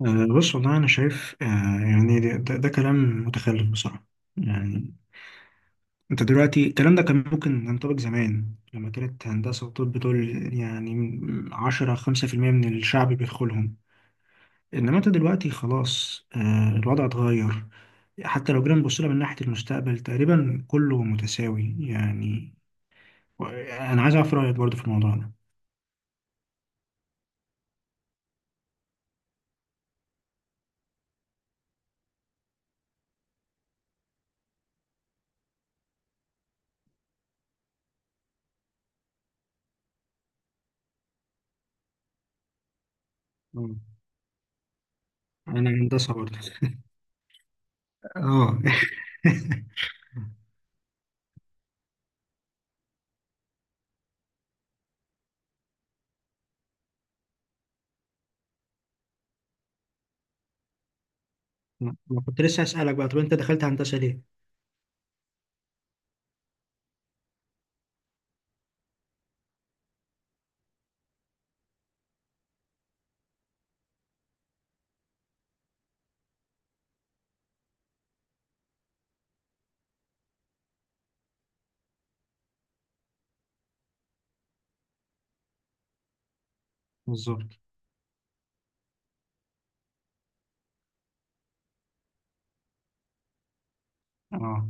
بص والله أنا شايف يعني ده كلام متخلف بصراحة. يعني أنت دلوقتي الكلام ده كان ممكن ينطبق زمان لما كانت هندسة وطب دول، يعني 10، 5% من الشعب بيدخلهم. إنما أنت دلوقتي خلاص، الوضع اتغير. حتى لو جينا نبص لها من ناحية المستقبل تقريبا كله متساوي يعني. و- أنا عايز أعرف رأيك برضه في الموضوع ده. مم. أنا هندسة برضه آه ما كنت لسه أسألك بقى، طب أنت دخلت هندسة ليه؟ بالظبط. اه،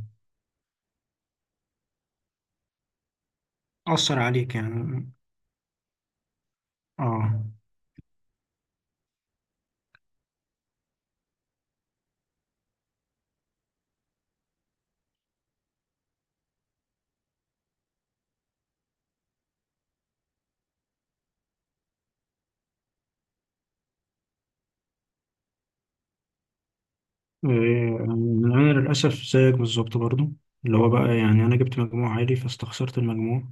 أثر عليك يعني. اه. إيه، أنا للأسف زيك بالظبط برضو، اللي هو بقى يعني أنا جبت مجموع عالي فاستخسرت المجموع.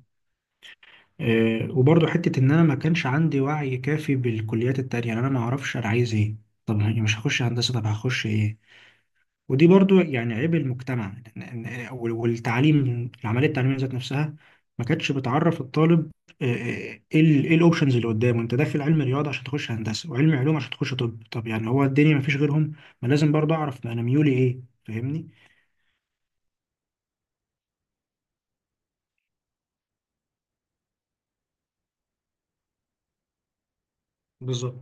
إيه، وبرضو حتة إن أنا ما كانش عندي وعي كافي بالكليات التانية، يعني أنا ما أعرفش أنا عايز إيه. طب يعني مش هخش هندسة، طب هخش إيه؟ ودي برضو يعني عيب المجتمع، والتعليم العمليه التعليميه ذات نفسها ما كانتش بتعرف الطالب. إيه الاوبشنز اللي قدامه، انت داخل علم رياضه عشان تخش هندسه وعلم علوم عشان تخش طب يعني هو الدنيا ما فيش غيرهم؟ ما لازم برضو اعرف ما انا ميولي ايه، فاهمني. بالظبط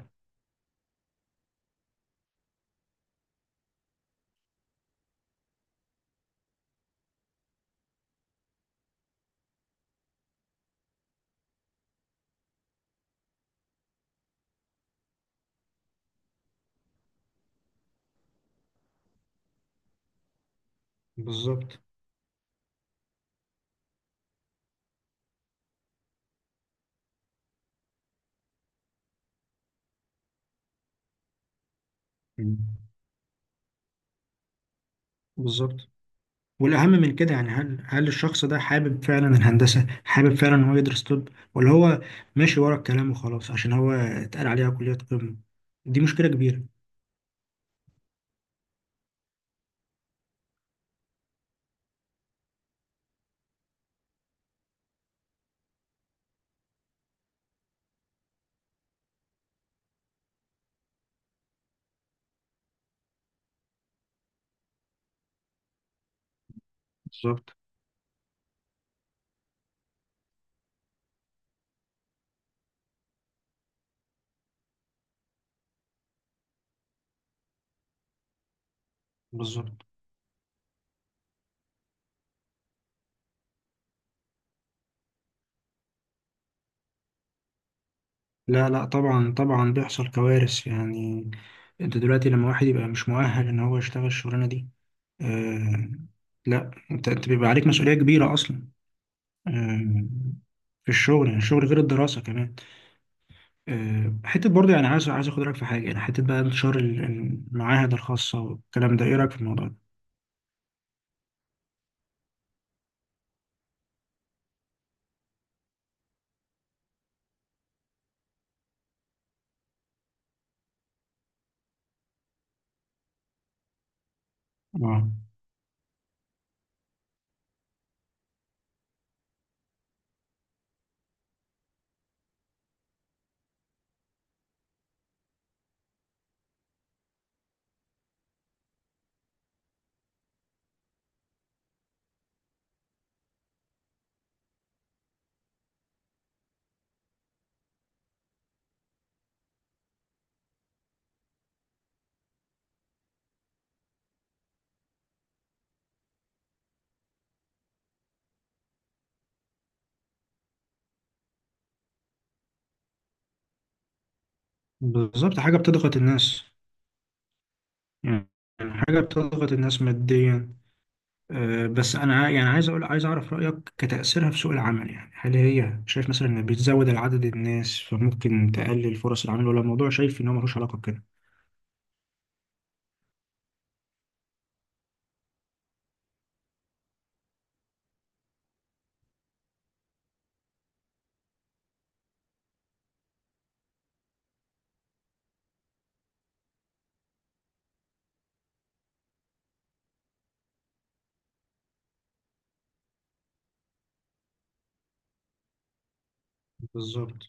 بالظبط. مم. بالظبط. والاهم من كده يعني هل الشخص ده حابب فعلا الهندسه، حابب فعلا ان هو يدرس طب، ولا هو ماشي ورا الكلام وخلاص عشان هو اتقال عليها كليه قمه. دي مشكله كبيره. بالظبط بالظبط. لا لا، طبعا طبعا بيحصل كوارث يعني. انت دلوقتي لما واحد يبقى مش مؤهل ان هو يشتغل الشغلانه دي، آه، لا انت بيبقى عليك مسؤوليه كبيره اصلا. آه، في الشغل يعني الشغل غير الدراسه كمان. آه، حته برضه يعني عايز اخد رايك في حاجه، يعني حته بقى انتشار المعاهد الخاصه والكلام ده، ايه رايك في الموضوع ده؟ اه. بالظبط، حاجه بتضغط الناس يعني. حاجه بتضغط الناس ماديا. بس انا يعني عايز اعرف رايك كتاثيرها في سوق العمل، يعني هل هي شايف مثلا ان بتزود العدد الناس فممكن تقلل فرص العمل، ولا الموضوع شايف ان هو ملوش علاقه بكده؟ بالظبط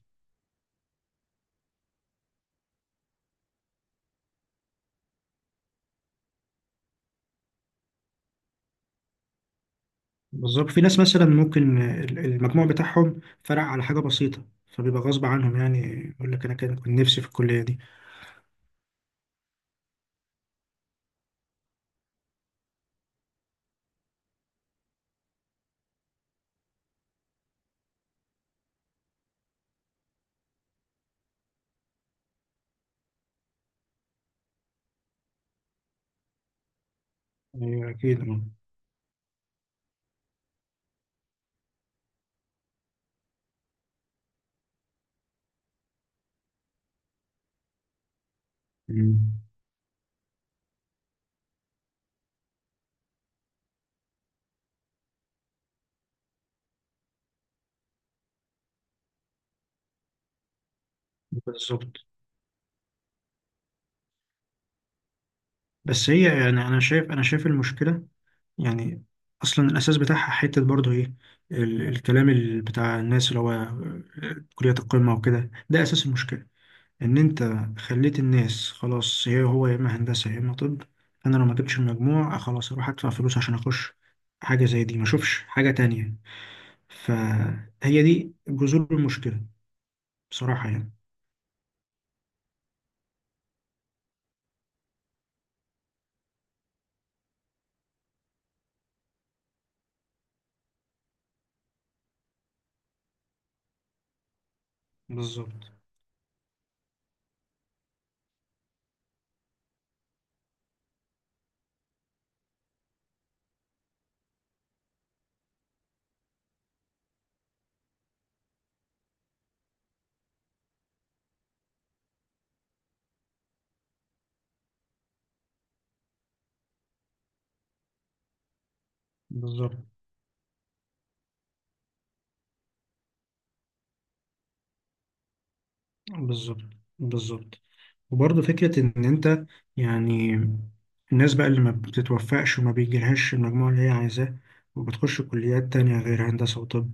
بالظبط، في ناس مثلا ممكن المجموع بتاعهم فرق على حاجه بسيطه. فبيبقى غصب عنهم يعني، يقول لك انا كنت نفسي في الكليه دي. ايوه اكيد. آه. مم. بالظبط. بس هي يعني انا شايف المشكله، يعني اصلا الاساس بتاعها حته برضه ايه، الكلام بتاع الناس اللي هو كليه القمه وكده، ده اساس المشكله. ان انت خليت الناس خلاص، هي هو يا اما هندسه يا اما طب. انا لو ما جبتش المجموع خلاص اروح ادفع فلوس عشان اخش حاجه زي دي، ما اشوفش حاجه تانية. فهي دي جذور المشكله. بصراحه يعني. بالظبط بالظبط بالظبط بالظبط. وبرضه فكرة إن أنت، يعني الناس بقى اللي ما بتتوفقش وما بيجيلهاش المجموع اللي هي عايزاه وبتخش كليات تانية غير هندسة وطب.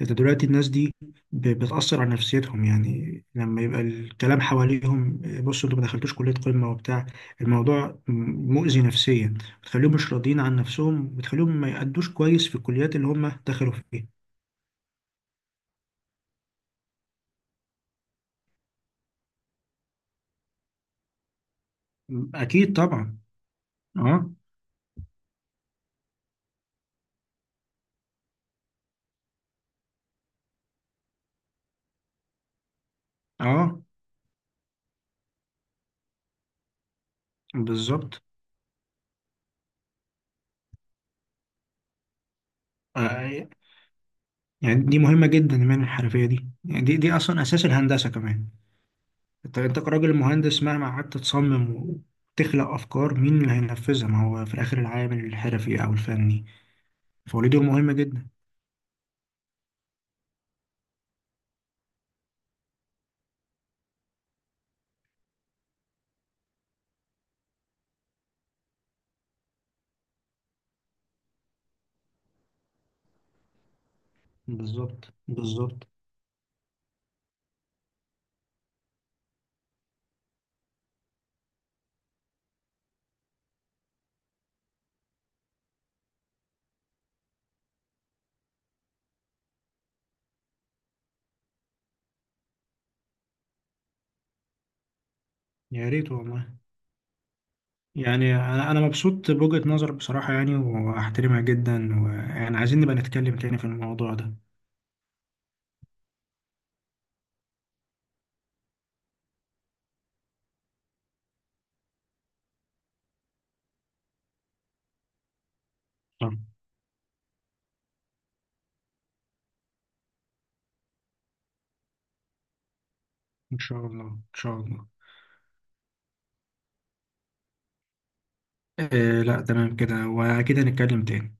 أنت دلوقتي الناس دي بتأثر على نفسيتهم، يعني لما يبقى الكلام حواليهم بصوا أنتوا ما دخلتوش كلية قمة وبتاع، الموضوع مؤذي نفسيا. بتخليهم مش راضيين عن نفسهم، بتخليهم ما يأدوش كويس في الكليات اللي هم دخلوا فيها. أكيد طبعا. أه. أه. بالظبط. آه، يعني دي مهمة جدا من الحرفية دي، يعني دي أصلا أساس الهندسة كمان. أنت كراجل مهندس مهما قعدت تصمم وتخلق أفكار، مين اللي هينفذها؟ ما هو في الآخر العامل الحرفي أو الفني، فهو دي مهمة جدا. بالظبط بالظبط. يا ريت والله. يعني أنا مبسوط بوجهة نظرك بصراحة، يعني وأحترمها جدا، ويعني عايزين نبقى نتكلم تاني في الموضوع ده. طب إن شاء الله إن شاء الله. إيه لا تمام كده، وأكيد هنتكلم تاني.